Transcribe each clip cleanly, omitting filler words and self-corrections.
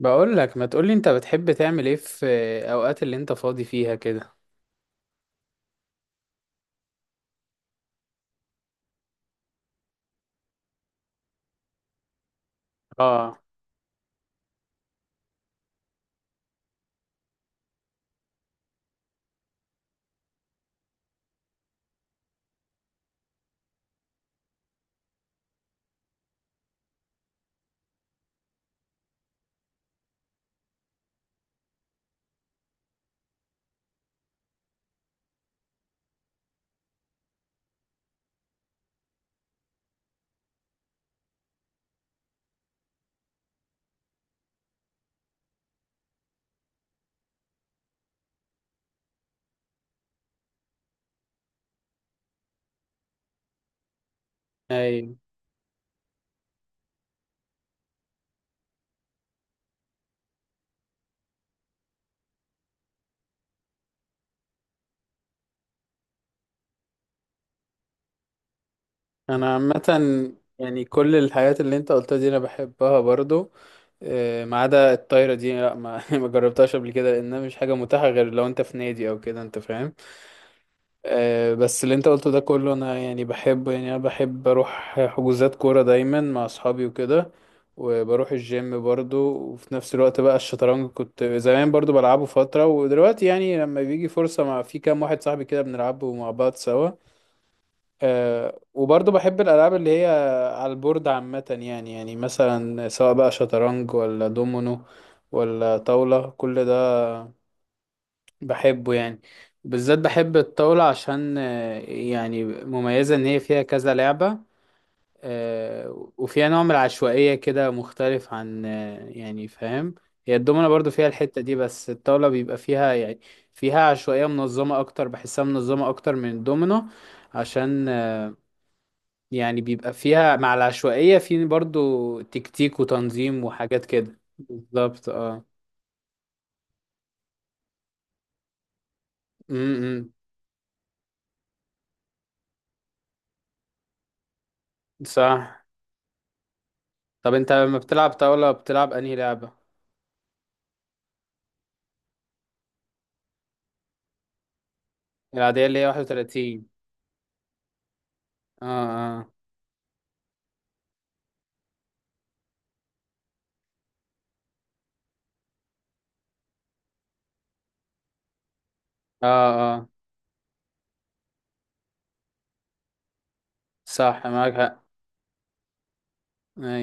بقول لك، ما تقولي انت بتحب تعمل ايه في اوقات اللي انت فاضي فيها كده؟ اه، اي. انا عامه يعني كل الحاجات اللي انت قلتها دي انا بحبها برضو. ما عدا الطايره دي، لا ما ما جربتهاش قبل كده، لانها مش حاجه متاحه غير لو انت في نادي او كده، انت فاهم. بس اللي انت قلته ده كله انا يعني بحبه، يعني انا بحب اروح حجوزات كورة دايما مع اصحابي وكده، وبروح الجيم برضو، وفي نفس الوقت بقى الشطرنج كنت زمان برضو بلعبه فترة، ودلوقتي يعني لما بيجي فرصة مع في كام واحد صاحبي كده بنلعبه مع بعض سوا. أه، وبرضو بحب الألعاب اللي هي على البورد عامة، يعني مثلا سواء بقى شطرنج ولا دومينو ولا طاولة كل ده بحبه يعني. بالذات بحب الطاولة، عشان يعني مميزة إن هي فيها كذا لعبة. وفيها نوع من العشوائية كده، مختلف عن يعني، فاهم. هي الدومنة برضو فيها الحتة دي، بس الطاولة بيبقى فيها يعني فيها عشوائية منظمة أكتر، بحسها منظمة أكتر من الدومنة، عشان يعني بيبقى فيها مع العشوائية في برضو تكتيك وتنظيم وحاجات كده بالظبط، اه. م -م. صح. طب انت لما بتلعب طاولة بتلعب انهي لعبة؟ العادية اللي هي 31. اه، اه، اه، اه، صح، معاك حق، اي،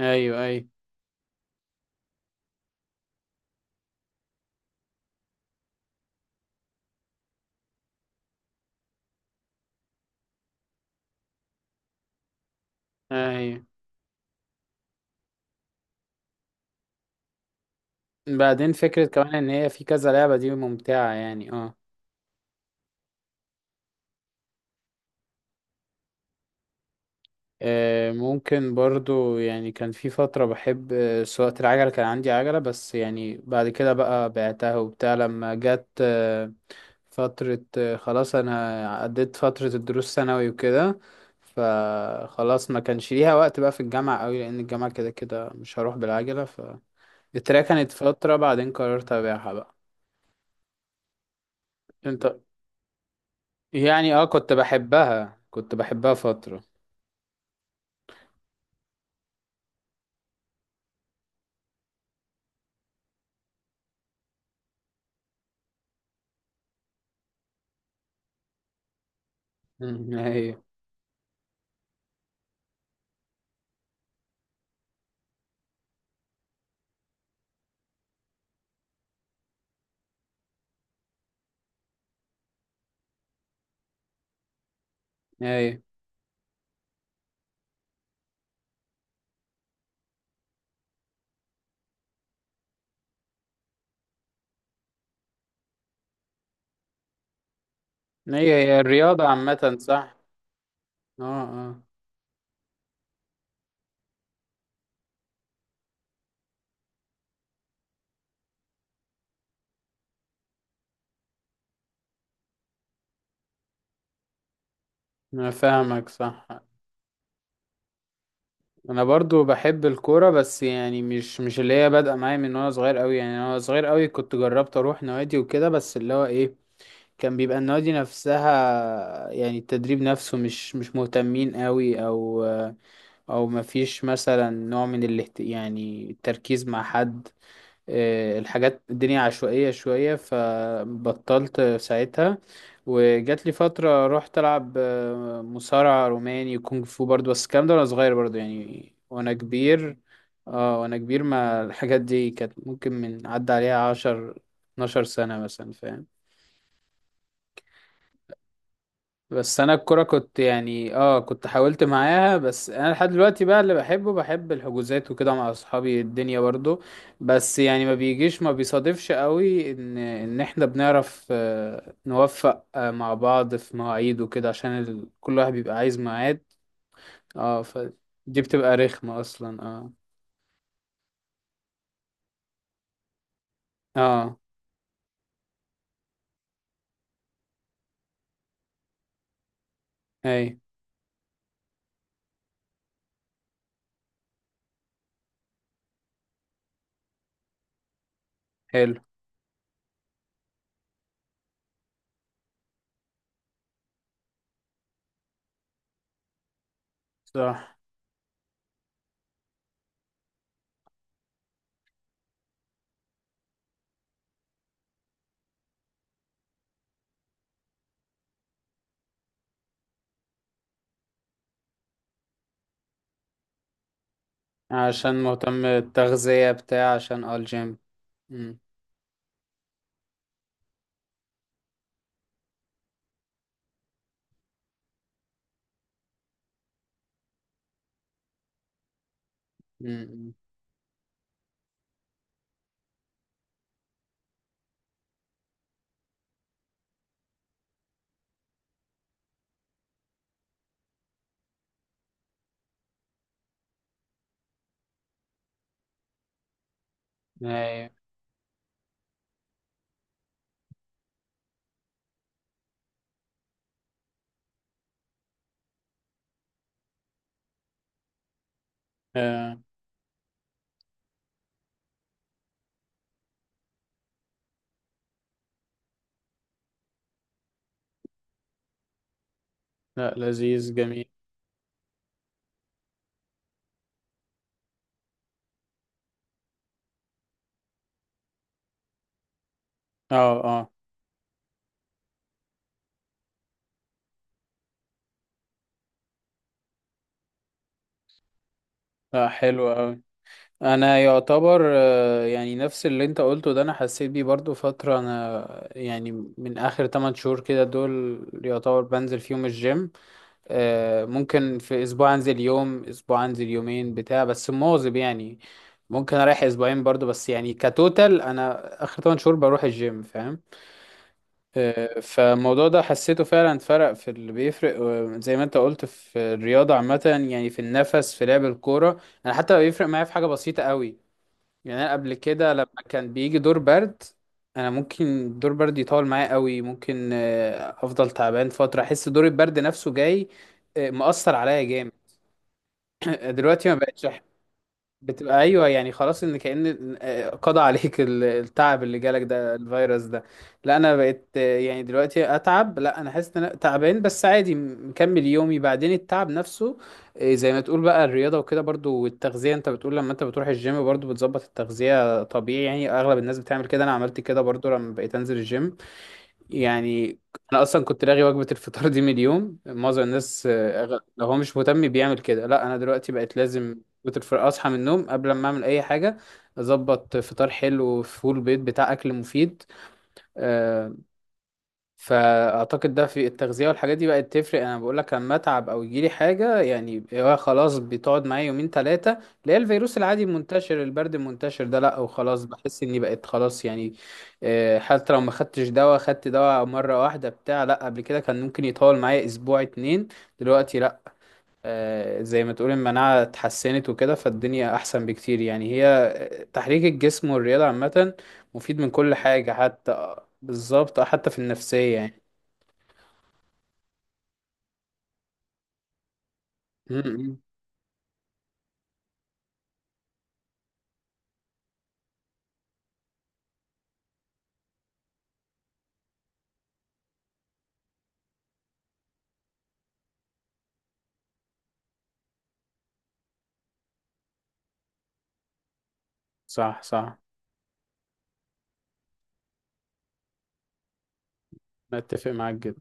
ايوه، ايوه، ايوه. بعدين فكرة كمان ان هي في كذا لعبة، دي ممتعة يعني، اه. ممكن برضو، يعني كان في فترة بحب سواقة العجلة، كان عندي عجلة بس يعني بعد كده بقى بعتها وبتاع، لما جت فترة، خلاص انا عديت فترة الدروس ثانوي وكده، فخلاص ما كانش ليها وقت بقى في الجامعة قوي، لان الجامعة كده كده مش هروح بالعجلة. التراك كانت فترة، بعدين قررت أبيعها بقى. انت؟ يعني اه، كنت بحبها، كنت بحبها فترة. مم، هي هي. هي الرياضة عامة، صح، اه، اه. أنا فاهمك، صح. أنا برضو بحب الكورة، بس يعني مش اللي هي بادئة معايا من وأنا صغير أوي، يعني أنا وأنا صغير أوي كنت جربت أروح نوادي وكده، بس اللي هو إيه، كان بيبقى النوادي نفسها يعني التدريب نفسه مش مهتمين أوي، أو او مفيش مثلا نوع من يعني التركيز مع حد. الحاجات الدنيا عشوائية شوية، فبطلت ساعتها. وجات لي فترة رحت ألعب مصارعة روماني وكونغ فو برضو، بس الكلام ده وأنا صغير برضو، يعني وأنا كبير، اه وأنا كبير، ما الحاجات دي كانت ممكن من عدى عليها 10 12 سنة مثلا، فاهم. بس انا الكرة كنت يعني اه، كنت حاولت معاها، بس انا لحد دلوقتي بقى اللي بحبه بحب الحجوزات وكده مع اصحابي الدنيا برضو. بس يعني ما بيجيش، ما بيصادفش قوي ان احنا بنعرف نوفق مع بعض في مواعيد وكده، عشان كل واحد بيبقى عايز ميعاد. اه فدي بتبقى رخمة اصلا، اه. اه، اي، حلو، صح. عشان مهتم التغذية بتاع، عشان اه الجيم؟ امم، امم، اي، لا لذيذ، جميل، اه، اه، لا حلو اوي. انا يعتبر، يعني نفس اللي انت قلته ده انا حسيت بيه برضو فترة، انا يعني من اخر 8 شهور كده دول يعتبر بنزل فيهم الجيم. ممكن في اسبوع انزل يوم، اسبوع انزل يومين بتاع، بس مواظب يعني. ممكن اريح اسبوعين برضو، بس يعني كتوتال انا اخر 8 شهور بروح الجيم، فاهم. فالموضوع ده حسيته فعلا، فرق في اللي بيفرق، زي ما انت قلت في الرياضة عامة، يعني في النفس، في لعب الكورة. انا حتى بيفرق معايا في حاجة بسيطة قوي. يعني انا قبل كده لما كان بيجي دور برد، انا ممكن دور برد يطول معايا قوي، ممكن افضل تعبان فترة، احس دور البرد نفسه جاي، مأثر عليا جامد. دلوقتي ما بقتش بتبقى، ايوه يعني خلاص ان كأن قضى عليك التعب اللي جالك ده، الفيروس ده. لا انا بقيت، يعني دلوقتي اتعب، لا انا حاسس ان انا تعبان بس عادي، مكمل يومي، بعدين التعب نفسه زي ما تقول بقى الرياضه وكده برضو، والتغذيه انت بتقول لما انت بتروح الجيم برضو بتظبط التغذيه، طبيعي يعني اغلب الناس بتعمل كده، انا عملت كده برضو لما بقيت انزل الجيم يعني. انا اصلا كنت لاغي وجبه الفطار دي من اليوم، معظم الناس لو هو مش مهتم بيعمل كده، لا انا دلوقتي بقت لازم وجبه الفطار، اصحى من النوم قبل ما اعمل اي حاجه، اظبط فطار حلو وفول بيض بتاع، اكل مفيد. آه، فاعتقد ده في التغذيه والحاجات دي بقت تفرق، انا بقول لك لما اتعب او يجيلي حاجه يعني، هو خلاص بتقعد معايا يومين ثلاثه اللي هي الفيروس العادي المنتشر، البرد المنتشر ده، لا وخلاص بحس اني بقيت خلاص يعني. حتى لو ما خدتش دواء، خدت دواء مره واحده بتاع، لا قبل كده كان ممكن يطول معايا اسبوع اتنين. دلوقتي لا. زي ما تقول المناعه اتحسنت وكده، فالدنيا احسن بكتير، يعني هي تحريك الجسم والرياضه عامه مفيد من كل حاجه، حتى بالظبط، حتى في النفسيه يعني. م- م. صح، صح، أنا أتفق معاك جدا.